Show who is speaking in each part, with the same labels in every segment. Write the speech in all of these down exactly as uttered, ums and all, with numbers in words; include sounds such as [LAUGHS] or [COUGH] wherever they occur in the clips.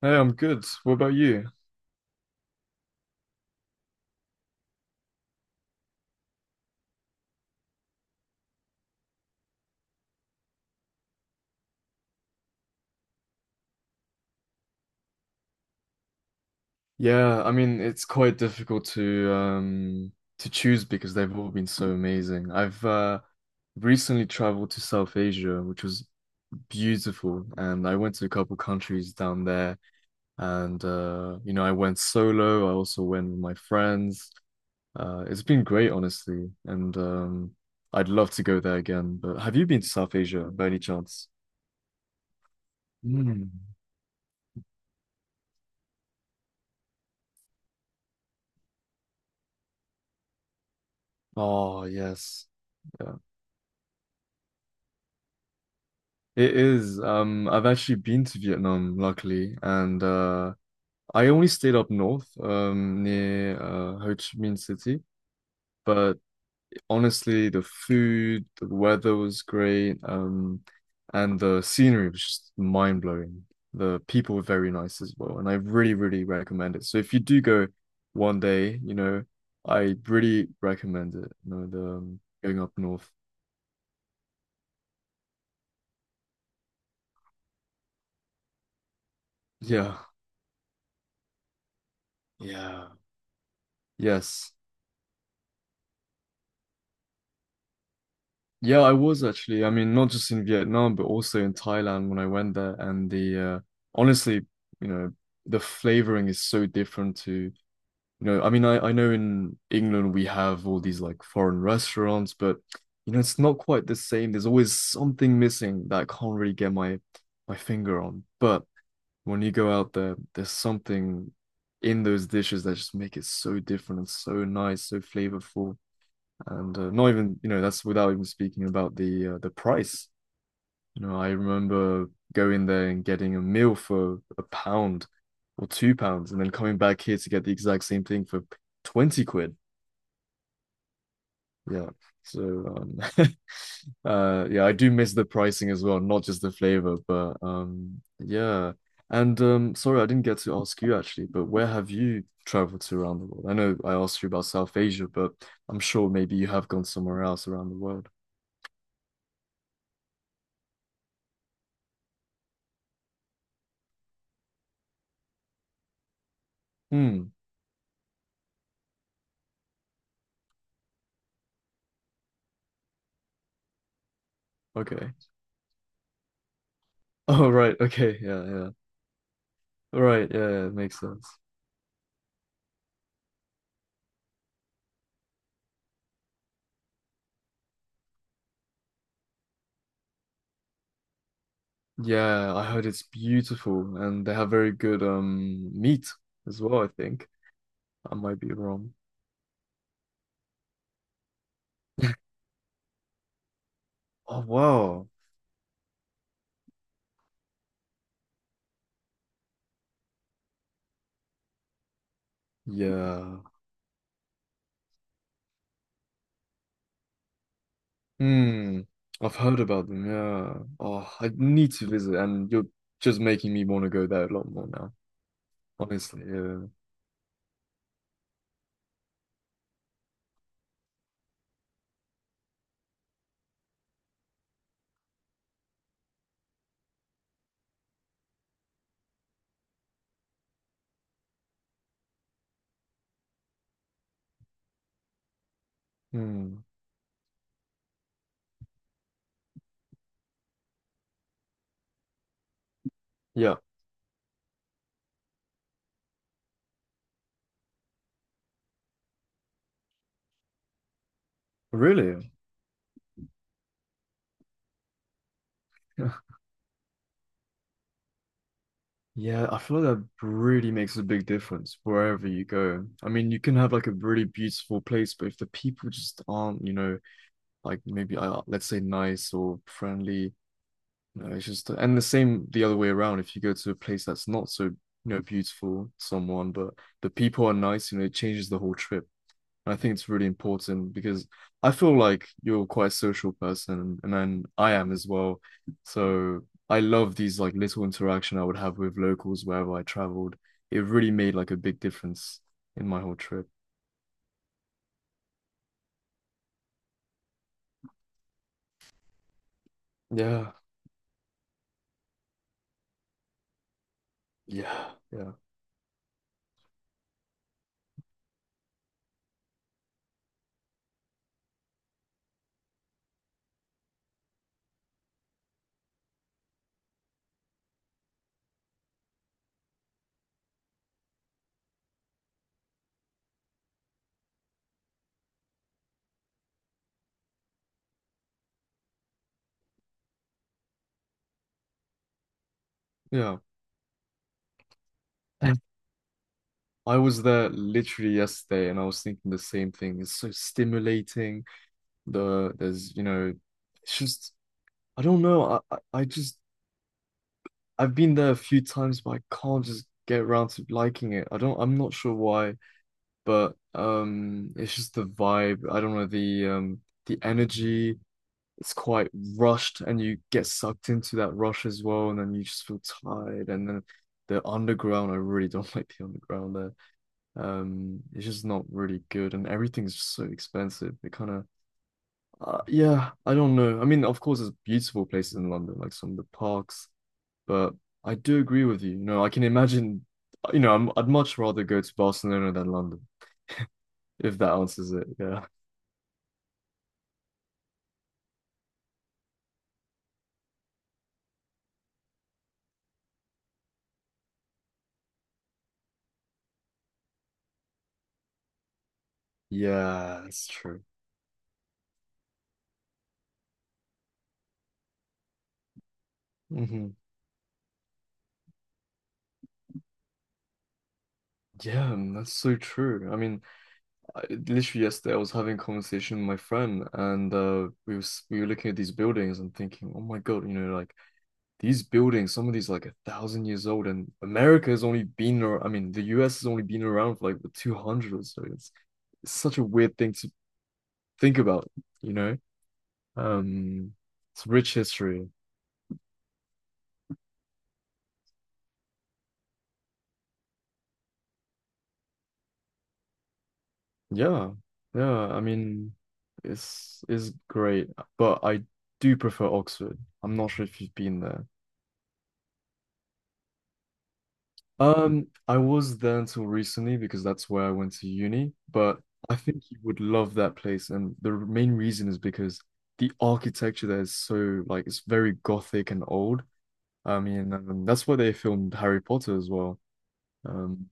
Speaker 1: Hey, I'm good. What about you? Yeah, I mean, it's quite difficult to um to choose because they've all been so amazing. I've uh recently traveled to South Asia, which was beautiful, and I went to a couple countries down there and uh you know, I went solo, I also went with my friends. Uh it's been great, honestly, and um I'd love to go there again. But have you been to South Asia by any chance? Mm. Oh, yes. Yeah. It is. Um, I've actually been to Vietnam, luckily, and uh, I only stayed up north, um, near uh, Ho Chi Minh City. But honestly, the food, the weather was great, um, and the scenery was just mind blowing. The people were very nice as well, and I really, really recommend it. So if you do go one day, you know, I really recommend it. You know, the um, going up north. Yeah. Yeah. Yes. Yeah, I was actually. I mean, not just in Vietnam, but also in Thailand when I went there. And the uh, honestly, you know, the flavoring is so different to, you know, I mean, I, I know in England we have all these like foreign restaurants, but you know, it's not quite the same. There's always something missing that I can't really get my my finger on. But when you go out there, there's something in those dishes that just make it so different and so nice, so flavorful and uh, not even you know that's without even speaking about the uh, the price. You know, I remember going there and getting a meal for a pound or two pounds, and then coming back here to get the exact same thing for twenty quid. Yeah. So um, [LAUGHS] uh, yeah, I do miss the pricing as well, not just the flavor, but um, yeah. And um, sorry, I didn't get to ask you actually, but where have you traveled to around the world? I know I asked you about South Asia, but I'm sure maybe you have gone somewhere else around the world. Hmm. Okay. [LAUGHS] Oh, right. Okay. Yeah, yeah. Right. Yeah, yeah, it makes sense. Yeah, I heard it's beautiful and they have very good um meat as well, I think. I might be wrong. Oh, wow. Yeah. Hmm. I've heard about them. Yeah. Oh, I need to visit and you're just making me want to go there a lot more now. Honestly. Yeah. Hmm. Yeah. Really? [LAUGHS] Yeah, I feel like that really makes a big difference wherever you go. I mean, you can have like a really beautiful place, but if the people just aren't, you know, like maybe uh, let's say nice or friendly, you know, it's just and the same the other way around. If you go to a place that's not so, you know, beautiful, someone, but the people are nice, you know, it changes the whole trip. And I think it's really important because I feel like you're quite a social person and then I am as well. So I love these like little interaction I would have with locals wherever I traveled. It really made like a big difference in my whole trip. Yeah. Yeah. Yeah. Yeah. And I was there literally yesterday and I was thinking the same thing. It's so stimulating. The there's, you know, it's just I don't know. I I I just I've been there a few times, but I can't just get around to liking it. I don't, I'm not sure why, but um, it's just the vibe. I don't know, the um, the energy. It's quite rushed, and you get sucked into that rush as well, and then you just feel tired. And then the underground, I really don't [LAUGHS] like the underground there. Um, it's just not really good, and everything's just so expensive. It kind of, uh, yeah, I don't know. I mean, of course, there's beautiful places in London, like some of the parks but I do agree with you. You know, I can imagine, you know, I'm, I'd much rather go to Barcelona than London, if that answers it. Yeah. Yeah, that's true. Hmm. Yeah, man, that's so true. I mean, I, literally yesterday I was having a conversation with my friend, and uh, we was we were looking at these buildings and thinking, oh my God, you know, like these buildings, some of these like a thousand years old, and America has only been, ar- I mean, the U S has only been around for like the two hundred or so. It's, it's such a weird thing to think about, you know. Um, it's rich history. Yeah, yeah. I mean, it's it's great, but I do prefer Oxford. I'm not sure if you've been there. Um, I was there until recently because that's where I went to uni, but I think you would love that place, and the main reason is because the architecture there is so like it's very gothic and old. I mean, um, that's where they filmed Harry Potter as well. Um,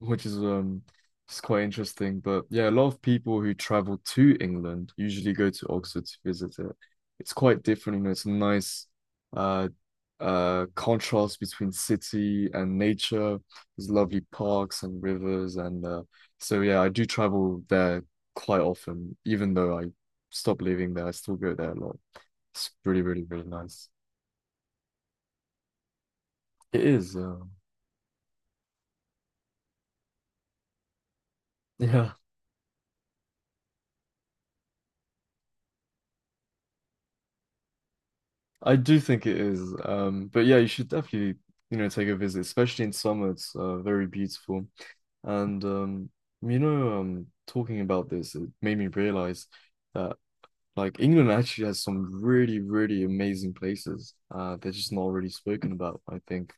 Speaker 1: which is um it's quite interesting. But yeah, a lot of people who travel to England usually go to Oxford to visit it. It's quite different, you know, it's a nice uh uh contrast between city and nature. There's lovely parks and rivers and uh so yeah, I do travel there quite often, even though I stopped living there, I still go there a lot. It's really, really, really nice. It is, uh, yeah. I do think it is. Um, but yeah, you should definitely, you know, take a visit, especially in summer. It's uh, very beautiful. And um, you know, um, talking about this, it made me realize that like England actually has some really, really amazing places. Uh, they're just not really spoken about, I think.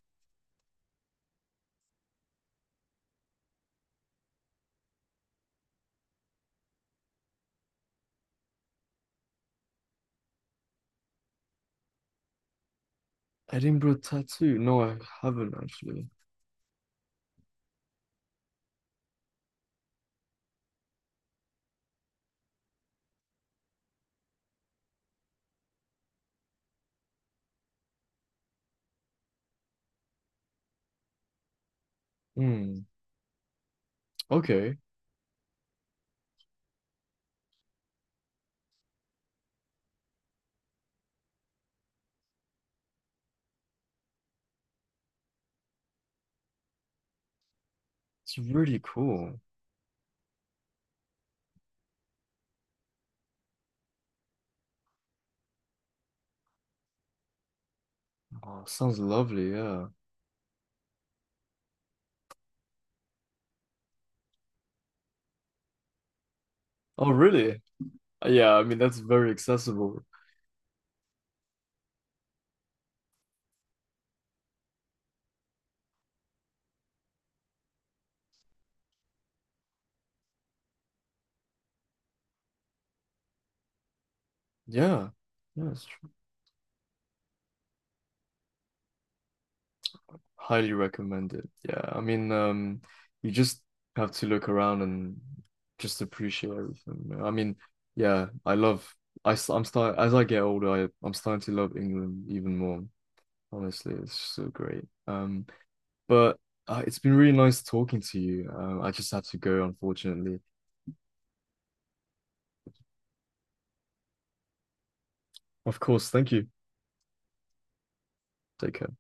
Speaker 1: Edinburgh Tattoo. No, I haven't actually. Hmm. Okay. It's really cool. Oh, sounds lovely, yeah. Oh, really? Yeah, I mean that's very accessible. Yeah. Yes. Highly recommend it. Yeah, I mean, um, you just have to look around and just appreciate everything. You know. I mean, yeah, I love. I s- I'm start as I get older. I I'm starting to love England even more. Honestly, it's so great. Um, but uh, it's been really nice talking to you. Um, I just have to go, unfortunately. Of course, thank you. Take care.